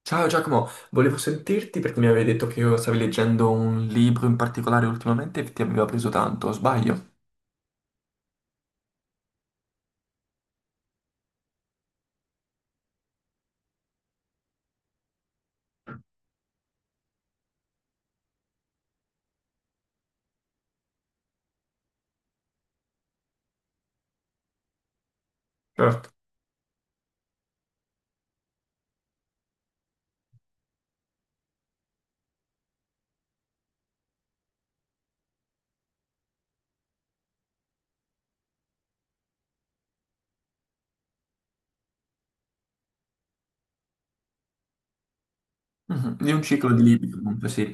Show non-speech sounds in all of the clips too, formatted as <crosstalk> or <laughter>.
Ciao Giacomo, volevo sentirti perché mi avevi detto che io stavi leggendo un libro in particolare ultimamente e ti aveva preso tanto, o sbaglio? Certo. Mhm. Di un ciclo di libri comunque, sì.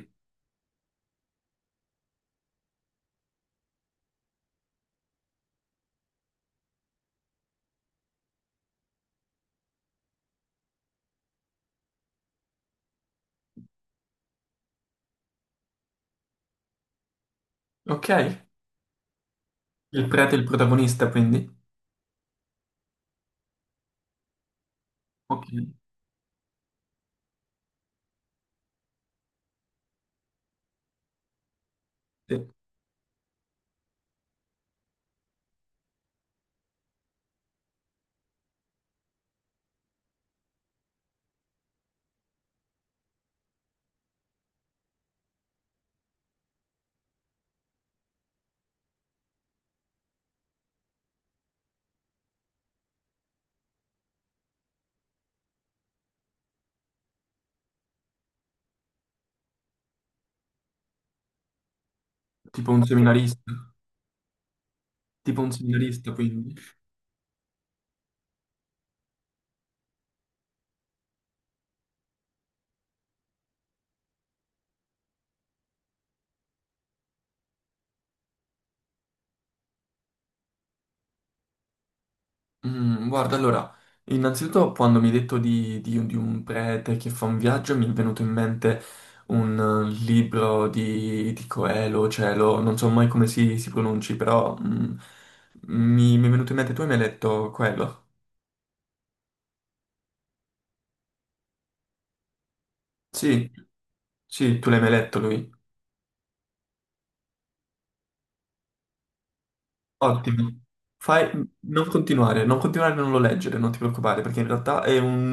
Ok, il prete è il protagonista quindi? Ok, sì. Tipo un seminarista, tipo un seminarista quindi. Mm, guarda, allora, innanzitutto quando mi hai detto di, di un prete che fa un viaggio, mi è venuto in mente un libro di Coelho, Cielo, non so mai come si pronunci, però mi, mi è venuto in mente, tu hai mai letto quello? Sì, sì, tu l'hai mai letto lui? Ottimo. Fai. Non continuare, non continuare a non lo leggere, non ti preoccupare, perché in realtà è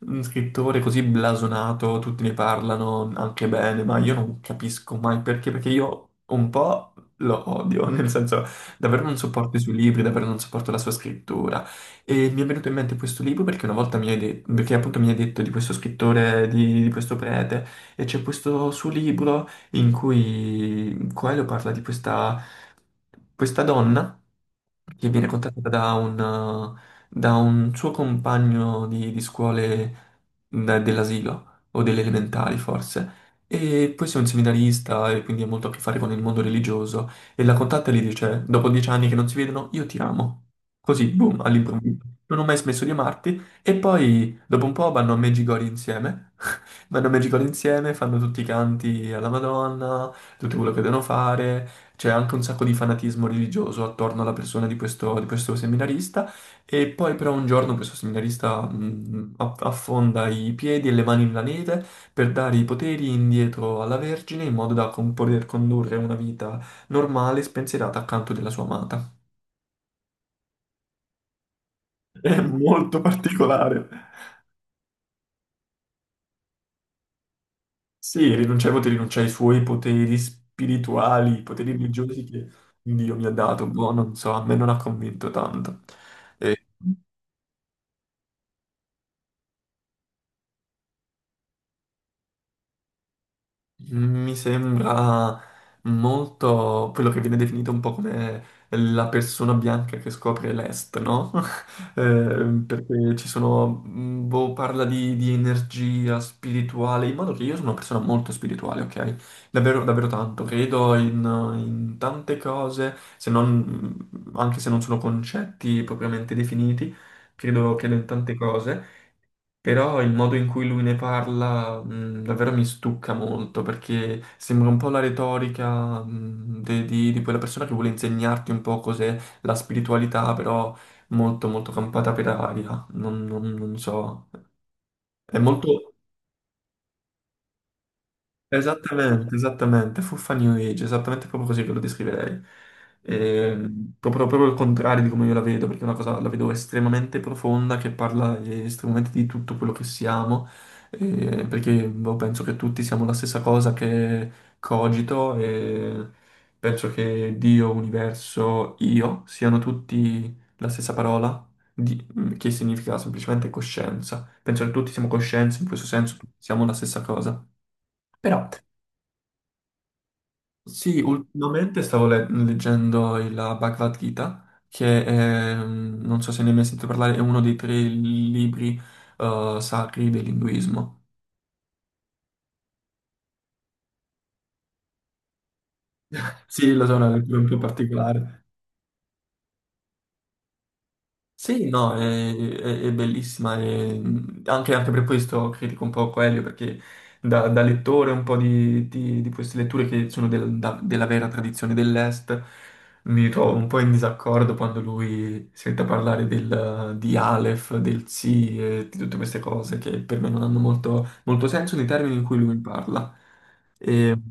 un scrittore così blasonato, tutti ne parlano anche bene, ma io non capisco mai perché, perché io un po' lo odio, <laughs> nel senso davvero non sopporto i suoi libri, davvero non sopporto la sua scrittura. E mi è venuto in mente questo libro perché una volta mi hai detto, perché appunto mi hai detto di questo scrittore, di questo prete, e c'è questo suo libro in cui Coelho parla di questa, questa donna che viene contattata da un suo compagno di scuole dell'asilo o delle elementari forse. E questo è un seminarista e quindi ha molto a che fare con il mondo religioso. E la contatta e gli dice: Dopo 10 anni che non si vedono, io ti amo. Così, boom, all'improvviso. Non ho mai smesso di amarti. E poi, dopo un po', vanno a Medjugorje insieme. Vanno a Magical insieme, fanno tutti i canti alla Madonna, tutto quello che devono fare, c'è anche un sacco di fanatismo religioso attorno alla persona di questo seminarista e poi però un giorno questo seminarista affonda i piedi e le mani nella neve per dare i poteri indietro alla Vergine in modo da poter condurre una vita normale e spensierata accanto della sua amata. <laughs> È molto particolare. Sì, rinunciai ai poteri, rinunciai ai suoi poteri spirituali, i poteri religiosi che Dio mi ha dato, boh, non so, a me non ha convinto tanto. Eh, Mi sembra molto quello che viene definito un po' come la persona bianca che scopre l'est, no? <laughs> Perché ci sono, boh, parla di energia spirituale, in modo che io sono una persona molto spirituale, ok? Davvero, davvero tanto, credo in, in tante cose, se non, anche se non sono concetti propriamente definiti, credo in tante cose. Però il modo in cui lui ne parla, davvero mi stucca molto perché sembra un po' la retorica, di quella persona che vuole insegnarti un po' cos'è la spiritualità, però molto molto campata per aria. Non so. È molto, esattamente, esattamente, fuffa New Age, esattamente proprio così ve lo descriverei. Proprio, proprio il contrario di come io la vedo, perché è una cosa la vedo estremamente profonda, che parla estremamente di tutto quello che siamo, perché boh, penso che tutti siamo la stessa cosa che cogito e penso che Dio, universo, io siano tutti la stessa parola, che significa semplicemente coscienza. Penso che tutti siamo coscienze, in questo senso tutti siamo la stessa cosa. Però sì, ultimamente stavo leggendo la Bhagavad Gita, che è, non so se ne hai mai sentito parlare, è uno dei tre libri sacri dell'induismo. <laughs> Sì, lo so, è una lettura un po' particolare. Sì, no, è bellissima, e, anche per questo critico un po' Coelho, perché da lettore un po' di, di queste letture che sono della vera tradizione dell'Est, mi trovo un po' in disaccordo quando lui sente parlare di Aleph, del Tsi e di tutte queste cose che per me non hanno molto, molto senso nei termini in cui lui parla. Ehm,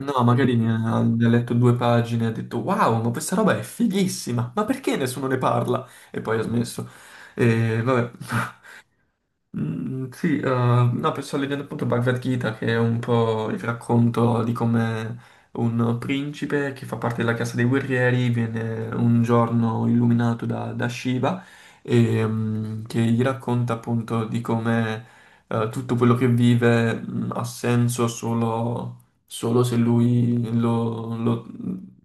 No, magari ne ha, ne ha letto due pagine e ha detto: Wow, ma questa roba è fighissima, ma perché nessuno ne parla? E poi ha smesso. E vabbè. Sì, no, sto leggendo appunto Bhagavad Gita, che è un po' il racconto di come un principe che fa parte della casa dei guerrieri viene un giorno illuminato da, da Shiva e che gli racconta appunto di come tutto quello che vive ha senso solo, solo se lui lo lo-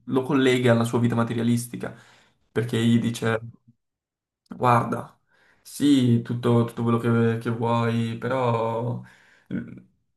lo collega alla sua vita materialistica, perché gli dice... Guarda, sì, tutto quello che vuoi, però eh,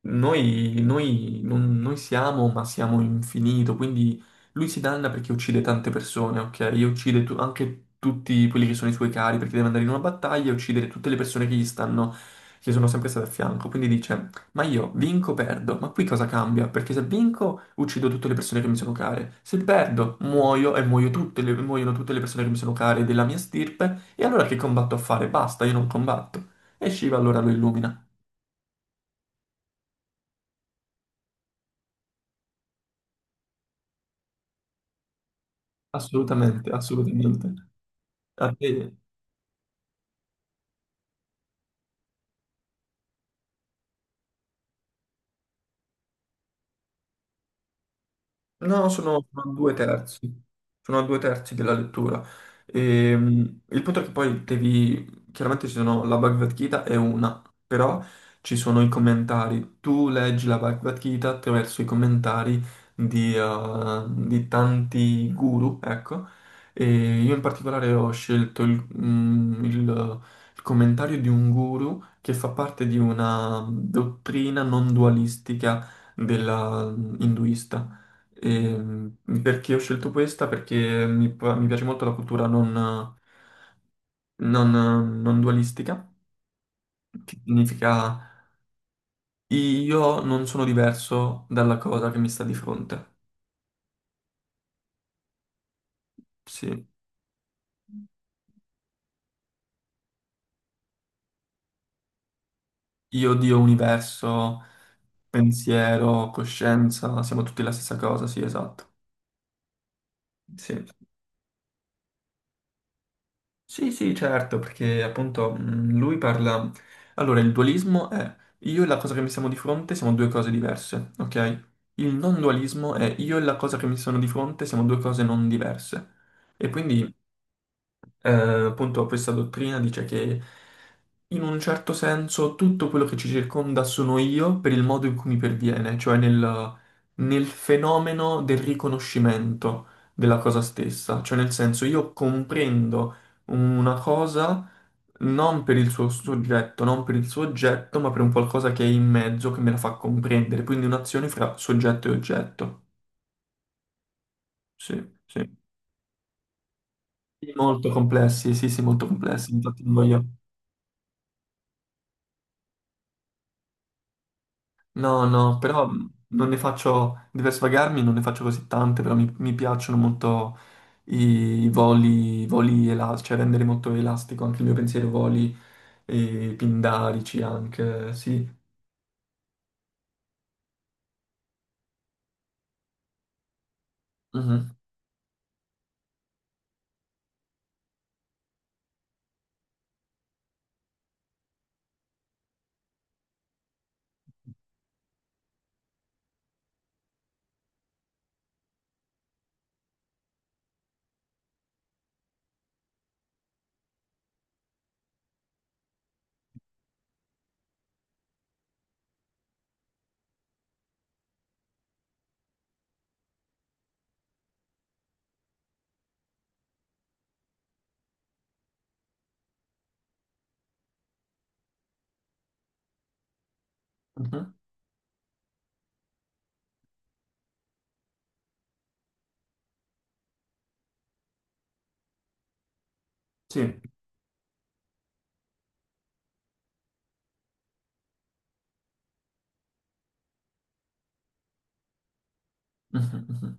noi non noi siamo, ma siamo infinito, quindi lui si danna perché uccide tante persone, ok? E uccide anche tutti quelli che sono i suoi cari, perché deve andare in una battaglia e uccidere tutte le persone che gli stanno, che sono sempre state a fianco. Quindi dice, ma io vinco, o perdo, ma qui cosa cambia? Perché se vinco, uccido tutte le persone che mi sono care, se perdo, muoio e muoiono tutte le persone che mi sono care della mia stirpe. E allora che combatto a fare? Basta, io non combatto. E Shiva allora lo illumina. Assolutamente, assolutamente. A te. No, sono a 2/3, sono a due terzi della lettura. Il punto è che poi devi, chiaramente ci sono la Bhagavad Gita è una, però ci sono i commentari. Tu leggi la Bhagavad Gita attraverso i commentari di tanti guru, ecco. E io in particolare ho scelto il commentario di un guru che fa parte di una dottrina non dualistica della hinduista. E, mm, perché ho scelto questa? Perché mi piace molto la cultura non, non dualistica, che significa io non sono diverso dalla cosa che mi sta di fronte. Sì, io, Dio, universo, pensiero, coscienza, siamo tutti la stessa cosa, sì, esatto. Sì. Sì, sì, certo, perché appunto lui parla... Allora, il dualismo è io e la cosa che mi siamo di fronte siamo due cose diverse, ok? Il non dualismo è io e la cosa che mi sono di fronte siamo due cose non diverse. E quindi appunto questa dottrina dice che in un certo senso tutto quello che ci circonda sono io per il modo in cui mi perviene, cioè nel fenomeno del riconoscimento della cosa stessa, cioè nel senso io comprendo una cosa non per il suo soggetto, non per il suo oggetto, ma per un qualcosa che è in mezzo, che me la fa comprendere, quindi un'azione fra soggetto e oggetto. Sì, sì. Molto complessi, sì, sì, molto complessi, infatti non voglio... No, no, però non ne faccio, per svagarmi non ne faccio così tante, però mi piacciono molto i voli elastici, cioè rendere molto elastico anche il mio pensiero, voli e pindarici anche, sì. Mhm, mhm. Sì, mhm, mhm.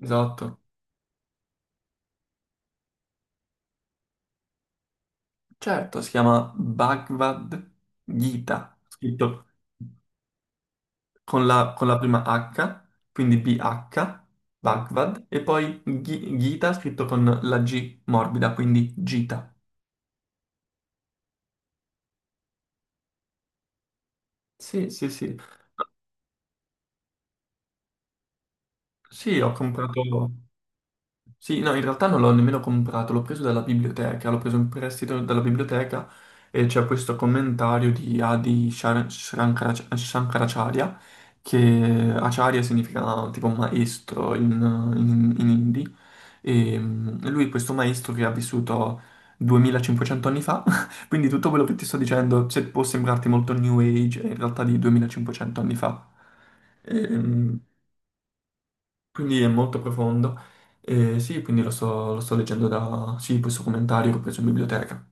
Esatto. Certo, si chiama Bhagavad Gita, scritto con la prima H, quindi BH, Bhagavad, e poi Gita scritto con la G morbida, quindi Gita. Sì, sì, sì. Sì, ho comprato... Sì, no, in realtà non l'ho nemmeno comprato, l'ho preso dalla biblioteca, l'ho preso in prestito dalla biblioteca e c'è questo commentario di Adi Shankaracharya, che Acharya significa tipo maestro in, in hindi, e lui è questo maestro che ha vissuto 2500 anni fa, <laughs> quindi tutto quello che ti sto dicendo, se può sembrarti molto new age, è in realtà di 2500 anni fa. Ehm, quindi è molto profondo. E sì, quindi lo sto leggendo da... Sì, questo commentario che ho preso in biblioteca.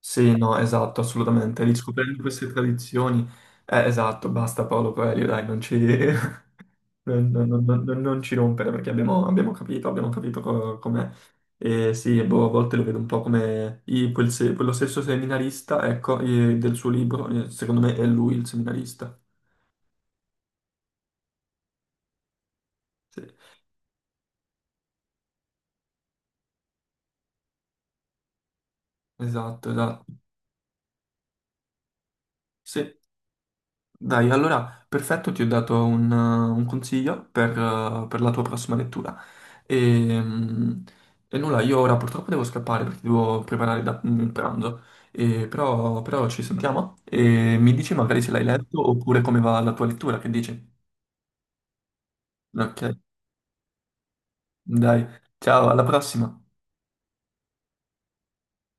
Sì, no, esatto, assolutamente. Riscoprendo queste tradizioni... esatto, basta Paolo Coelho, dai, non ci... <laughs> Non ci rompere perché abbiamo capito, abbiamo capito com'è. E sì, e boh, a volte lo vedo un po' come i- quel se- quello stesso seminarista, ecco, del suo libro, secondo me è lui il seminarista. Sì, esatto, esatto. Sì. Dai, allora, perfetto, ti ho dato un consiglio per la tua prossima lettura. E, mm, e nulla, io ora purtroppo devo scappare perché devo preparare il pranzo, E però ci sentiamo e mi dici magari se l'hai letto oppure come va la tua lettura, che dici? Ok, dai, ciao, alla prossima.